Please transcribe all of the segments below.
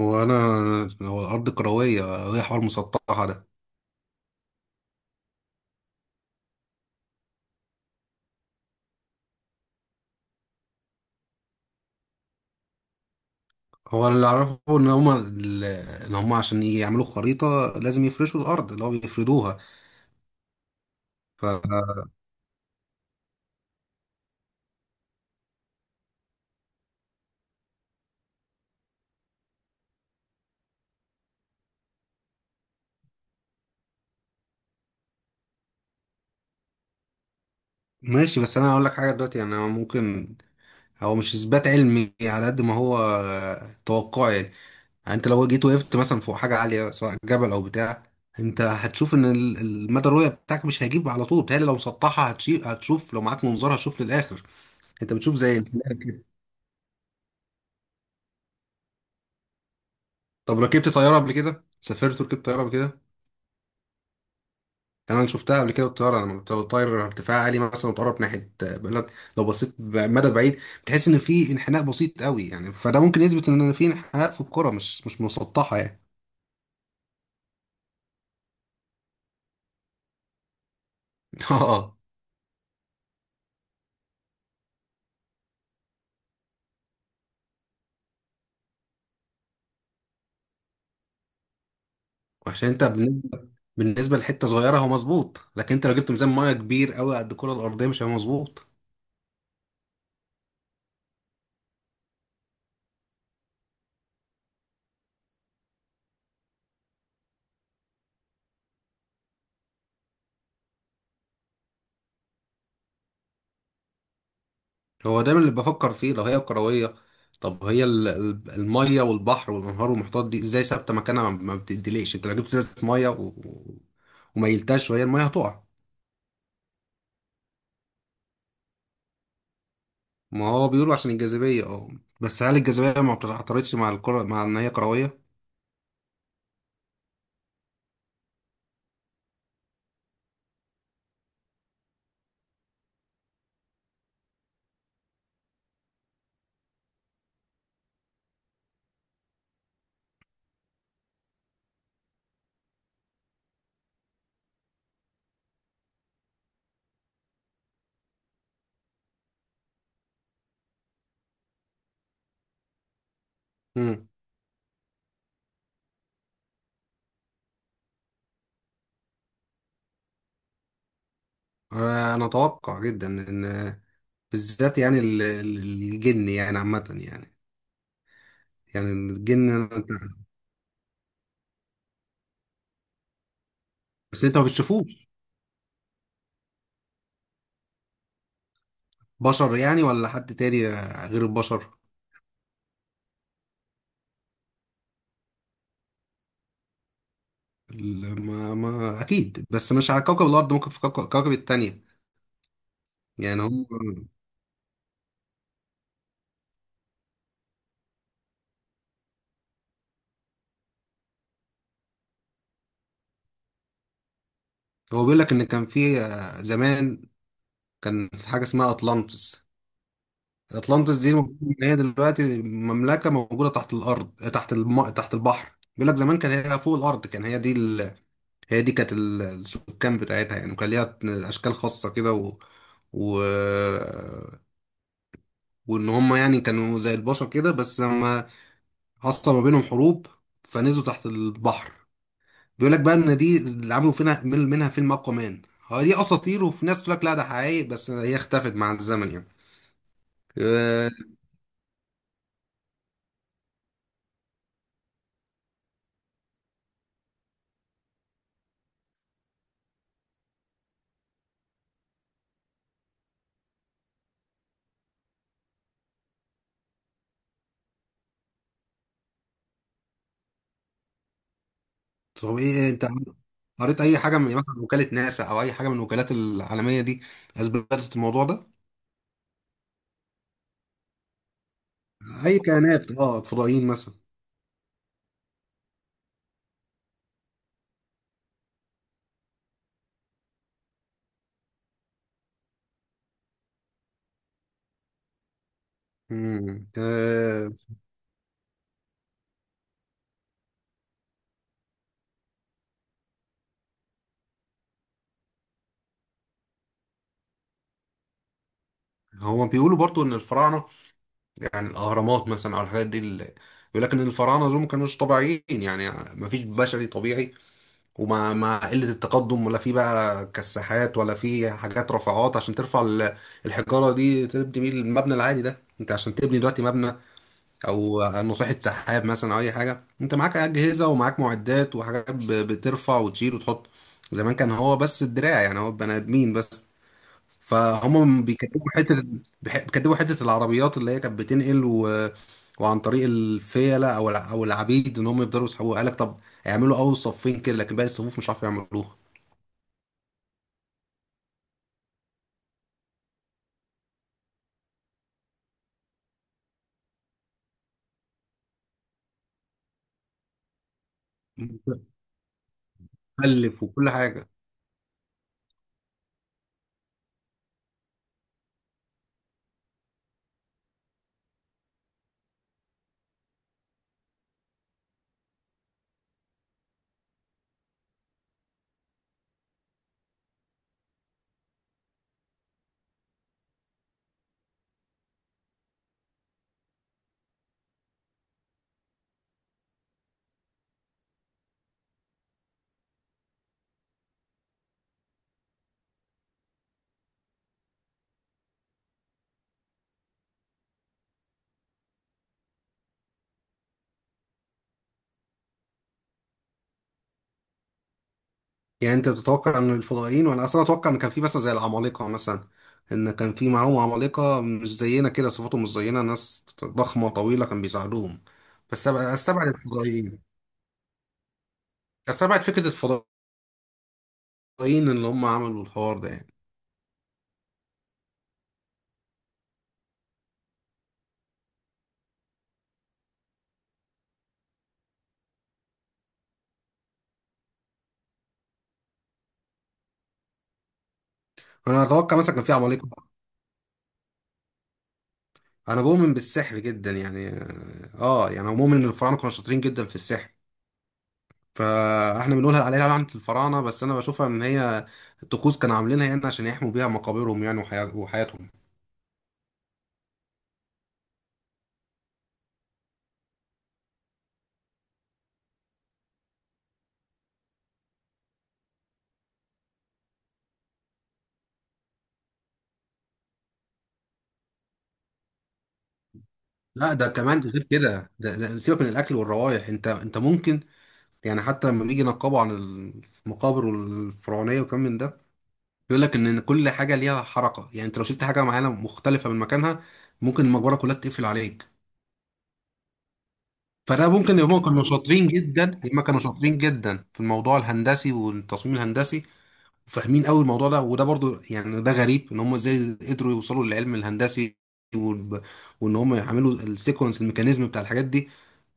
هو انا. هو الارض كرويه وهي حوار مسطحه ده. هو اللي اعرفه ان هما ان هما عشان يعملوا خريطه لازم يفرشوا الارض اللي هو بيفردوها. فماشي، بس انا هقول لك حاجه دلوقتي، يعني أنا ممكن هو مش اثبات علمي على قد ما هو توقع يعني. يعني انت لو جيت وقفت مثلا فوق حاجه عاليه سواء جبل او بتاع، انت هتشوف ان المدى الرؤيه بتاعك مش هيجيب على طول، بتهيألي لو مسطحه هتشوف لو معاك منظار هتشوف للاخر. انت بتشوف زي الفلاحة كده. طب ركبت طياره قبل كده؟ سافرت وركبت طياره قبل كده؟ يعني انا شفتها قبل كده الطياره لما بتطير ارتفاع عالي مثلا وتقرب ناحيه بلد، لو بصيت مدى بعيد بتحس ان في انحناء بسيط قوي، يعني فده ممكن يثبت ان في انحناء في الكره، مش مسطحه يعني. اه. عشان انت بالنسبه لحته صغيره هو مظبوط، لكن انت لو جبت ميزان ميه كبير قوي قد الكره الارضيه مش هيبقى مظبوط. هو دايما اللي بفكر فيه لو هي كروية، طب هي المية والبحر والانهار والمحيطات دي ازاي ثابتة مكانها ما بتديليش؟ انت لو جبت ازازة مية و وميلتهاش، وهي المية هتقع. ما هو بيقولوا عشان الجاذبية، اه، بس هل الجاذبية ما بتعترضش مع الكرة مع ان هي كروية؟ مم. انا اتوقع جدا ان بالذات يعني الجن يعني عامة يعني، يعني الجن انت. بس انت ما بتشوفوش بشر يعني ولا حد تاني غير البشر؟ ما اكيد بس مش على كوكب الارض، ممكن في كوكب التانية يعني. هو هو بيقول لك ان كان في زمان كان في حاجه اسمها اطلانتس. اطلانتس دي المفروض إن هي دلوقتي مملكه موجوده تحت الارض، تحت البحر. بيقول لك زمان كان هي فوق الارض، كان هي دي هي دي كانت السكان بتاعتها يعني، وكان ليها اشكال خاصه كده و... وان هم يعني كانوا زي البشر كده، بس لما حصل ما بينهم حروب فنزلوا تحت البحر. بيقول لك بقى ان دي اللي عملوا فينا منها فيلم اقوى مان. هو دي اساطير، وفي ناس تقول لك لا ده حقيقي، بس هي اختفت مع الزمن يعني. أه. طب ايه، انت قريت اي حاجه من مثلا وكاله ناسا او اي حاجه من الوكالات العالميه دي اثبتت الموضوع ده؟ اي كائنات، اه فضائيين مثلا. مم. آه. هو بيقولوا برضو ان الفراعنه، يعني الاهرامات مثلا او الحاجات دي اللي، بيقول لك ان الفراعنه دول ما كانوش طبيعيين يعني، ما فيش بشري طبيعي. ومع قلة التقدم ولا في بقى كساحات ولا في حاجات رفعات عشان ترفع الحجارة دي تبني بيه المبنى العالي ده. انت عشان تبني دلوقتي مبنى او نصيحة سحاب مثلا او اي حاجة، انت معاك اجهزة ومعاك معدات وحاجات بترفع وتشيل وتحط. زمان كان هو بس الدراع يعني، هو بني ادمين بس. فهم بيكتبوا حته، بيكتبوا حته العربيات اللي هي كانت بتنقل وعن طريق الفيله او او العبيد ان هم يقدروا يسحبوها. قال لك طب اعملوا اول صفين كده، لكن باقي الصفوف مش عارفين يعملوها. مكلف وكل حاجه. يعني انت بتتوقع ان الفضائيين، وانا اصلا اتوقع ان كان في مثلا زي العمالقه مثلا، ان كان في معاهم عمالقه مش زينا كده، صفاتهم مش زينا، ناس ضخمه طويله كان بيساعدوهم. بس استبعد الفضائيين، استبعد فكره الفضائيين اللي هم عملوا الحوار ده يعني. انا اتوقع مثلا كان في عمالقه. انا بؤمن بالسحر جدا يعني، اه يعني أنا مؤمن ان الفراعنه كانوا شاطرين جدا في السحر. فاحنا بنقولها عليها لعنه الفراعنه، بس انا بشوفها ان هي الطقوس كانوا عاملينها يعني عشان يحموا بيها مقابرهم يعني، وحياتهم. لا ده كمان غير كده، ده سيبك من الاكل والروائح. انت ممكن يعني حتى لما بيجي ينقبوا عن المقابر الفرعونيه وكم من ده، بيقول لك ان كل حاجه ليها حركه يعني، انت لو شلت حاجه معينه مختلفه من مكانها ممكن المقبره كلها تقفل عليك. فده ممكن، هم كانوا شاطرين جدا في الموضوع الهندسي والتصميم الهندسي، وفاهمين قوي الموضوع ده. وده برضو يعني ده غريب ان هم ازاي قدروا يوصلوا للعلم الهندسي، والب- وان هم يعملوا السيكونس الميكانيزم بتاع الحاجات دي،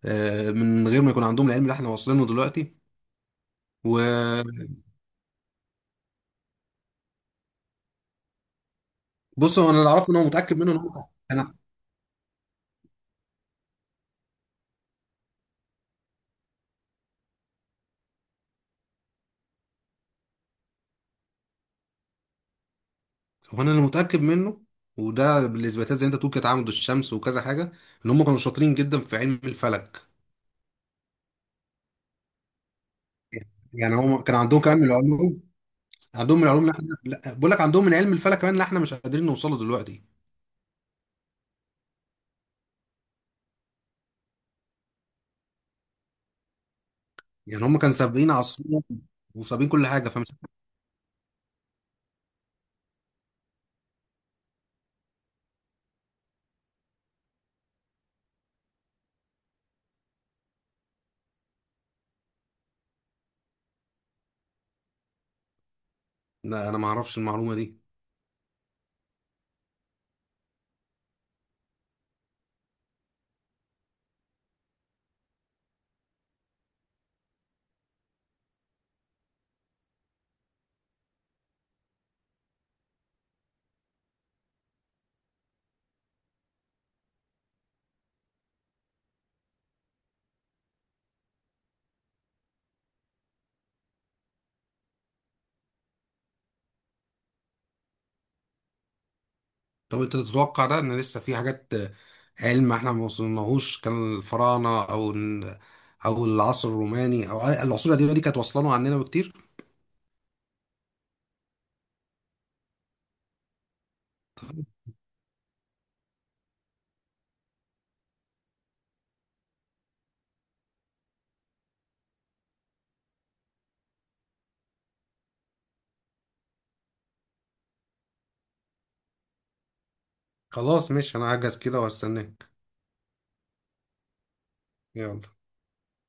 من غير ما يكون عندهم العلم اللي احنا واصلينه دلوقتي. وبص، هو انا اللي اعرفه ان هو متاكد منه ان هو انا. هو انا اللي متاكد منه، وده بالاثباتات زي انت تقول كده تعامد الشمس وكذا حاجه، ان هم كانوا شاطرين جدا في علم الفلك. يعني هم كان عندهم كمان من العلوم، عندهم من العلوم اللي احنا، لا، بقول لك عندهم من علم الفلك كمان اللي احنا مش قادرين نوصله دلوقتي. يعني هم كانوا سابقين عصرهم وسابقين كل حاجه فمش. لا انا ما اعرفش المعلومه دي. طب انت تتوقع ده، ان لسه في حاجات علم احنا ما وصلناهوش، كان الفراعنه او او العصر الروماني او العصور القديمه دي كانت واصله له عننا بكتير؟ خلاص ماشي، انا هجهز كده واستناك. يلا.